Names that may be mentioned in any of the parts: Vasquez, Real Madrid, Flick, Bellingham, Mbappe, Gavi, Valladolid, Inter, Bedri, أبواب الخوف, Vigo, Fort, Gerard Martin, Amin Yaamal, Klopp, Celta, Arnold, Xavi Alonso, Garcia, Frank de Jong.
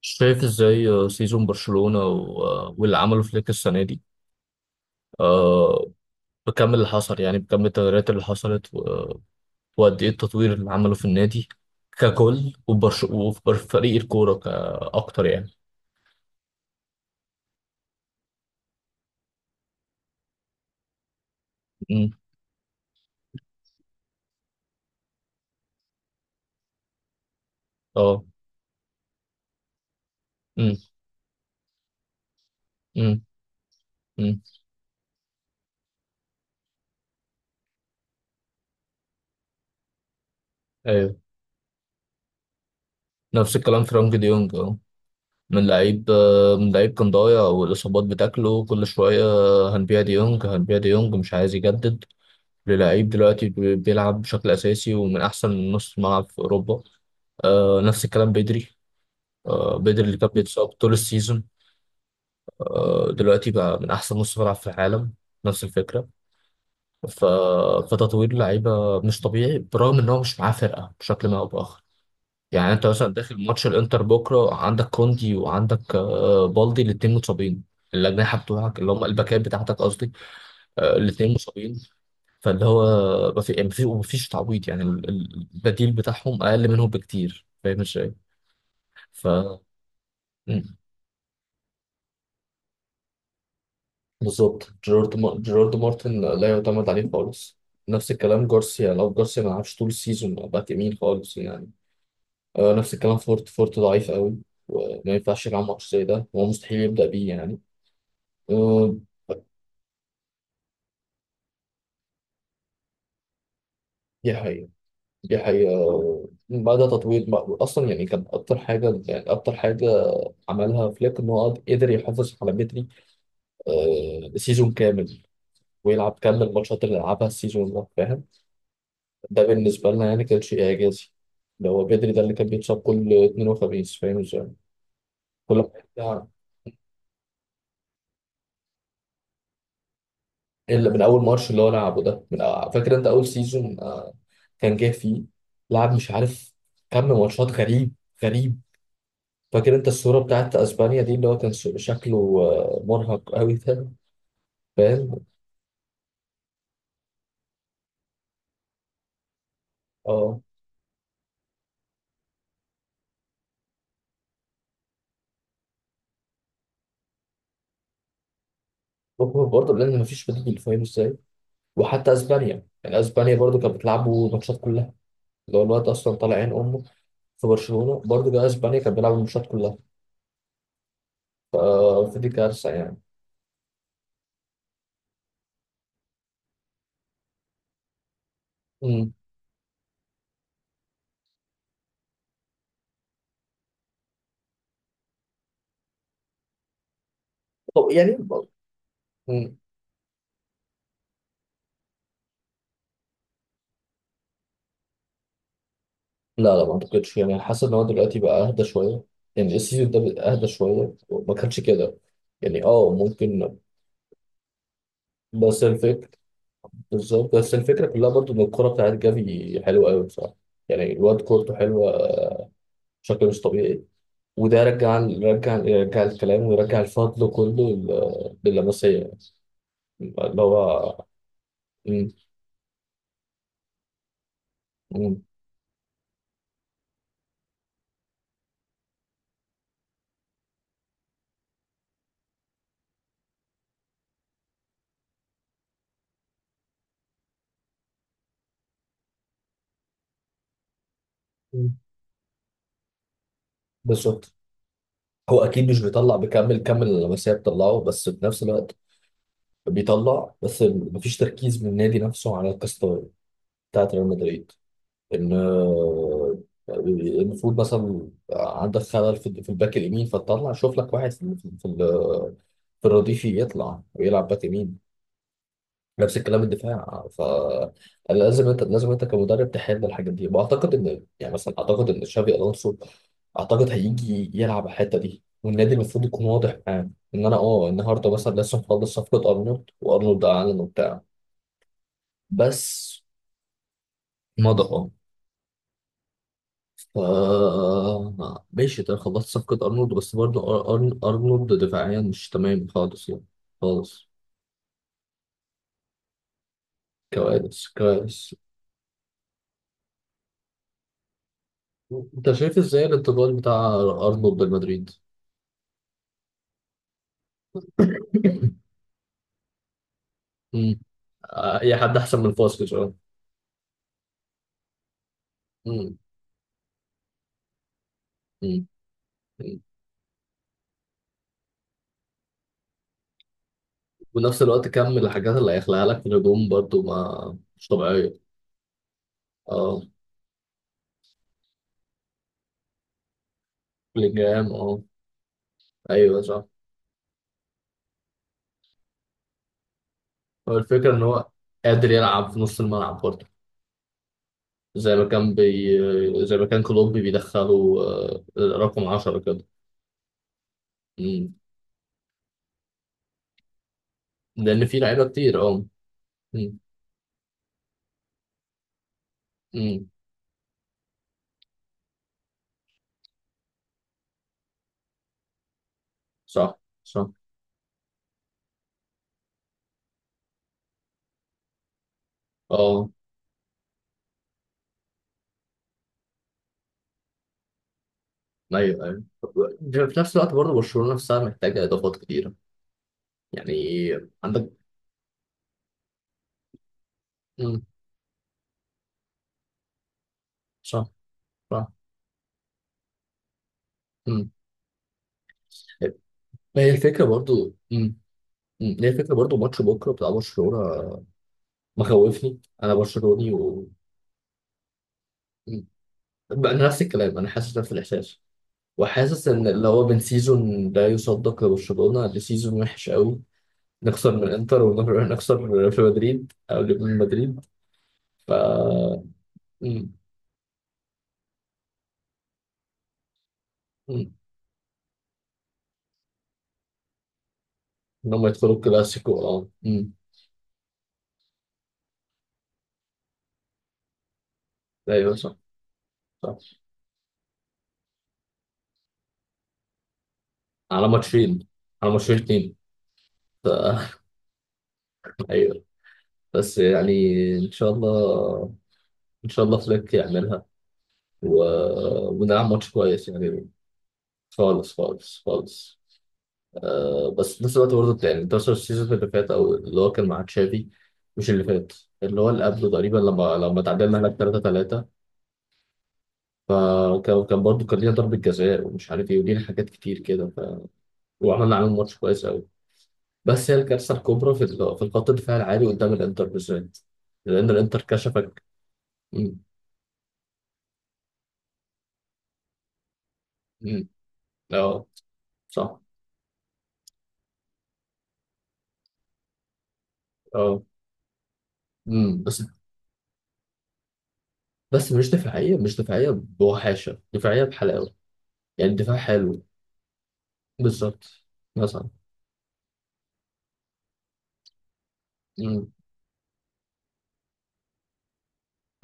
شايف ازاي، سيزون برشلونة واللي عمله فليك السنة دي. آه، بكم اللي حصل، يعني بكم التغييرات اللي حصلت، وقد ايه التطوير اللي عمله في النادي ككل، وبرش وفي فريق الكورة كأكتر يعني. مم. اه. مم. مم. مم. ايوه. نفس الكلام فرانك دي يونج، اه. من لعيب كان ضايع، والإصابات بتاكله كل شوية. هنبيع دي يونج، مش عايز يجدد للعيب دلوقتي، بيلعب بشكل أساسي ومن أحسن نص ملعب في أوروبا. نفس الكلام بدري، بدري اللي كان بيتصاب طول السيزون. دلوقتي بقى من احسن نص ملعب في العالم، نفس الفكره. ف... فتطوير اللعيبه مش طبيعي برغم ان هو مش معاه فرقه بشكل ما او باخر. يعني انت مثلا داخل ماتش الانتر بكره عندك كوندي، وعندك بالدي، الاثنين متصابين، الاجنحه بتوعك اللي هم الباكات بتاعتك قصدي، الاثنين مصابين. فاللي هو، ما في- يعني ما في- ما فيش تعويض، يعني البديل بتاعهم اقل منهم بكتير، فاهم ازاي؟ ف بالظبط. جيرارد مارتن لا يعتمد عليه خالص. نفس الكلام جارسيا، لو جارسيا ما لعبش طول السيزون باك يمين خالص يعني. نفس الكلام فورت، ضعيف قوي، وما ينفعش يلعب ماتش زي ده، هو مستحيل يبدأ بيه يعني. آه دي حقيقة، دي حقيقة. بدأ تطوير بقى. أصلا يعني كان أكتر حاجة عملها فليك، إن هو قدر يحافظ على بدري سيزون كامل، ويلعب كامل الماتشات اللي لعبها السيزون ده، فاهم؟ ده بالنسبة لنا يعني كان شيء إعجازي، اللي هو بدري ده اللي كان بيتصاب كل اثنين وخميس، فاهم ازاي؟ كل ما يرجع، إلا من أول ماتش اللي هو لعبه ده، فاكر أنت أول سيزون كان جه فيه، لعب مش عارف كم ماتشات. غريب غريب. فاكر أنت الصورة بتاعت أسبانيا دي، اللي هو كان شكله مرهق قوي ده، فاهم؟ أه. هو برضه لأن مفيش بديل، فاهم ازاي؟ وحتى أسبانيا، يعني أسبانيا برضه كانت بتلعبه ماتشات كلها، اللي هو الواد أصلا طالع عين أمه، في برشلونة برضه، جه اسبانيا كان بيلعب الماتشات كلها. ف- فدي كارثة يعني. امم. طب يعني. امم. لا لا ما اعتقدش، يعني حاسس ان هو دلوقتي بقى اهدى شويه، يعني السيزون ده بقى اهدى شويه، ما كانش كده، يعني اه ممكن. بس الفكره، بالظبط. بس الفكره كلها برضو ان الكوره بتاعت جافي حلوه قوي بصراحه، يعني الواد كورته حلوه بشكل مش طبيعي. وده رجع، يرجع الكلام، ويرجع الفضل كله لللمسيه اللي هو. مم، مم، مم. بالظبط. هو اكيد مش بيطلع بكامل كم اللمسيه بتطلعه، بس في نفس الوقت بيطلع، بس مفيش تركيز من النادي نفسه على القصه بتاعت ريال مدريد، ان المفروض مثلا عندك خلل في في الباك اليمين، فتطلع شوف لك واحد في الرديف يطلع ويلعب باك يمين. نفس الكلام الدفاع. لازم انت كمدرب تحل الحاجات دي، واعتقد ان يعني مثلا اعتقد ان تشافي الونسو اعتقد هيجي يلعب على الحته دي، والنادي المفروض يكون واضح معاه ان انا، النهارده مثلا لسه مخلص صفقه ارنولد، وارنولد اعلن وبتاع، بس مضى. اه. ماشي، ده خلصت صفقه ارنولد، بس برضه ارنولد دفاعيا مش تمام خالص يعني، خالص، كوارث كوارث. انت شايف ازاي الانتقال بتاع ارنولد لمدريد؟ مم. اي حد احسن من فاسكيز، اه. مم. مم. مم. ونفس الوقت كم من الحاجات اللي هيخلقها لك في الهجوم برضو، ما مش طبيعيه، اه. بلينجهام، اه. ايوه صح. هو الفكره ان هو قادر يلعب في نص الملعب برضو، زي ما كان كلوب بيدخله رقم 10 كده. مم. لان في لعيبه كتير، اه. مم. مم. صح صح. اه. ايوه ايوه. في نفس الوقت برضه برشلونه نفسها محتاجه اضافات كتيره، يعني، عندك. مم. صح صح. امم. هي الفكره برضو، امم. امم، هي الفكره برضو. ماتش بكره بتاع برشلونه مخوفني، انا برشلوني. مم. بقى، أنا نفس الكلام، انا حاسس نفس الاحساس، وحاسس ان اللي هو، من سيزون لا يصدق لبرشلونه لسيزون وحش قوي، نخسر من انتر، ونخسر في مدريد او من مدريد. ف امم. امم، ان هم يدخلوا الكلاسيكو، اه، امم. ايوه صح. صح. على ماتشين، على ماتشين اتنين. ف... ايوه. بس يعني، ان شاء الله، ان شاء الله فليك يعملها، و... ونلعب ماتش كويس يعني. خالص خالص خالص. بس في نفس الوقت برضه يعني، ده السيزون اللي فات، او اللي هو كان مع تشافي، مش اللي فات، اللي هو اللي قبله تقريبا، لما تعادلنا هناك 3-3. فكان برضه كان لينا ضربة جزاء، ومش عارف ايه، ولينا حاجات كتير كده، وعملنا عليهم ماتش كويس قوي. بس هي الكارثة الكبرى في الخط الدفاع العالي قدام الانتر بالذات، لان الانتر كشفك. امم. امم. اه. صح. اه. امم. بس، بس مش دفاعية، مش دفاعية بوحاشة، دفاعية بحلاوة، يعني دفاع حلو. بالظبط، مثلا. امم.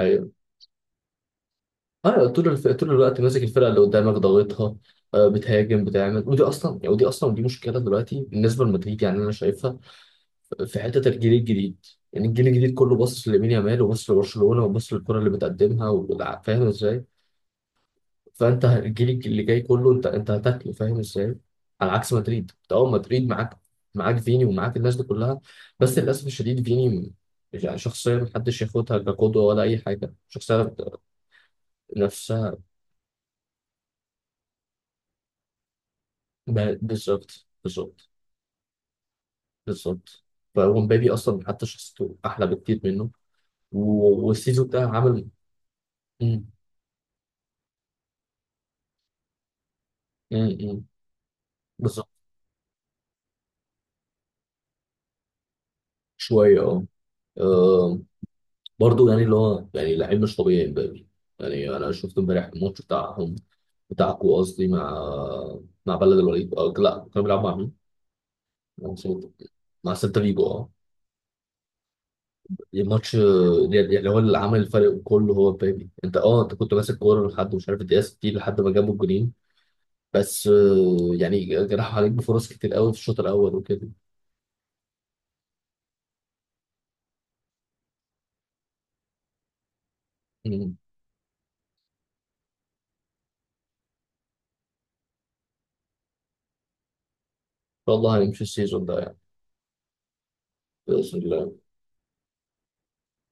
ايوه. اه طول الوقت ماسك الفرقة اللي قدامك، ضاغطها، بتهاجم بتعمل، ودي اصلا دي مشكلة دلوقتي بالنسبة لمدريد، يعني انا شايفها في حتة الجيل الجديد. يعني الجيل الجديد كله باصص لامين يامال، وباصص لبرشلونة، وباصص للكرة اللي بتقدمها، فاهم ازاي؟ فانت هتجيلك اللي جاي كله، انت هتاكله، فاهم ازاي؟ على عكس مدريد انت، مدريد معاك، معاك فيني ومعاك الناس دي كلها. بس للاسف الشديد فيني، يعني شخصيه محدش ياخدها كقدوه ولا اي حاجه، شخصيه نفسها. بالظبط بالظبط، بالظبط. ومبابي اصلا حتى شخصيته احلى بكتير منه، والسيزون ده عامل. مم، مم، مم. بالظبط. شويه، اه. آه. برضو يعني اللي هو يعني لعيب مش طبيعي مبابي، يعني انا شفت امبارح الماتش بتاعهم، بتاعكو قصدي، مع بلد الوليد، أو لا كانوا بيلعبوا مع مين؟ مع سيلتا، مع سيلتا فيجو، اه. الماتش يعني، هو اللي عمل الفرق كله هو مبابي، انت انت كنت ماسك كوره لحد مش عارف الدقيقه 60 لحد ما جابوا الجونين، بس يعني جراح عليك بفرص كتير قوي في الشوط الاول وكده. مم. ان شاء الله هنمشي السيزون ده يعني، باذن الله.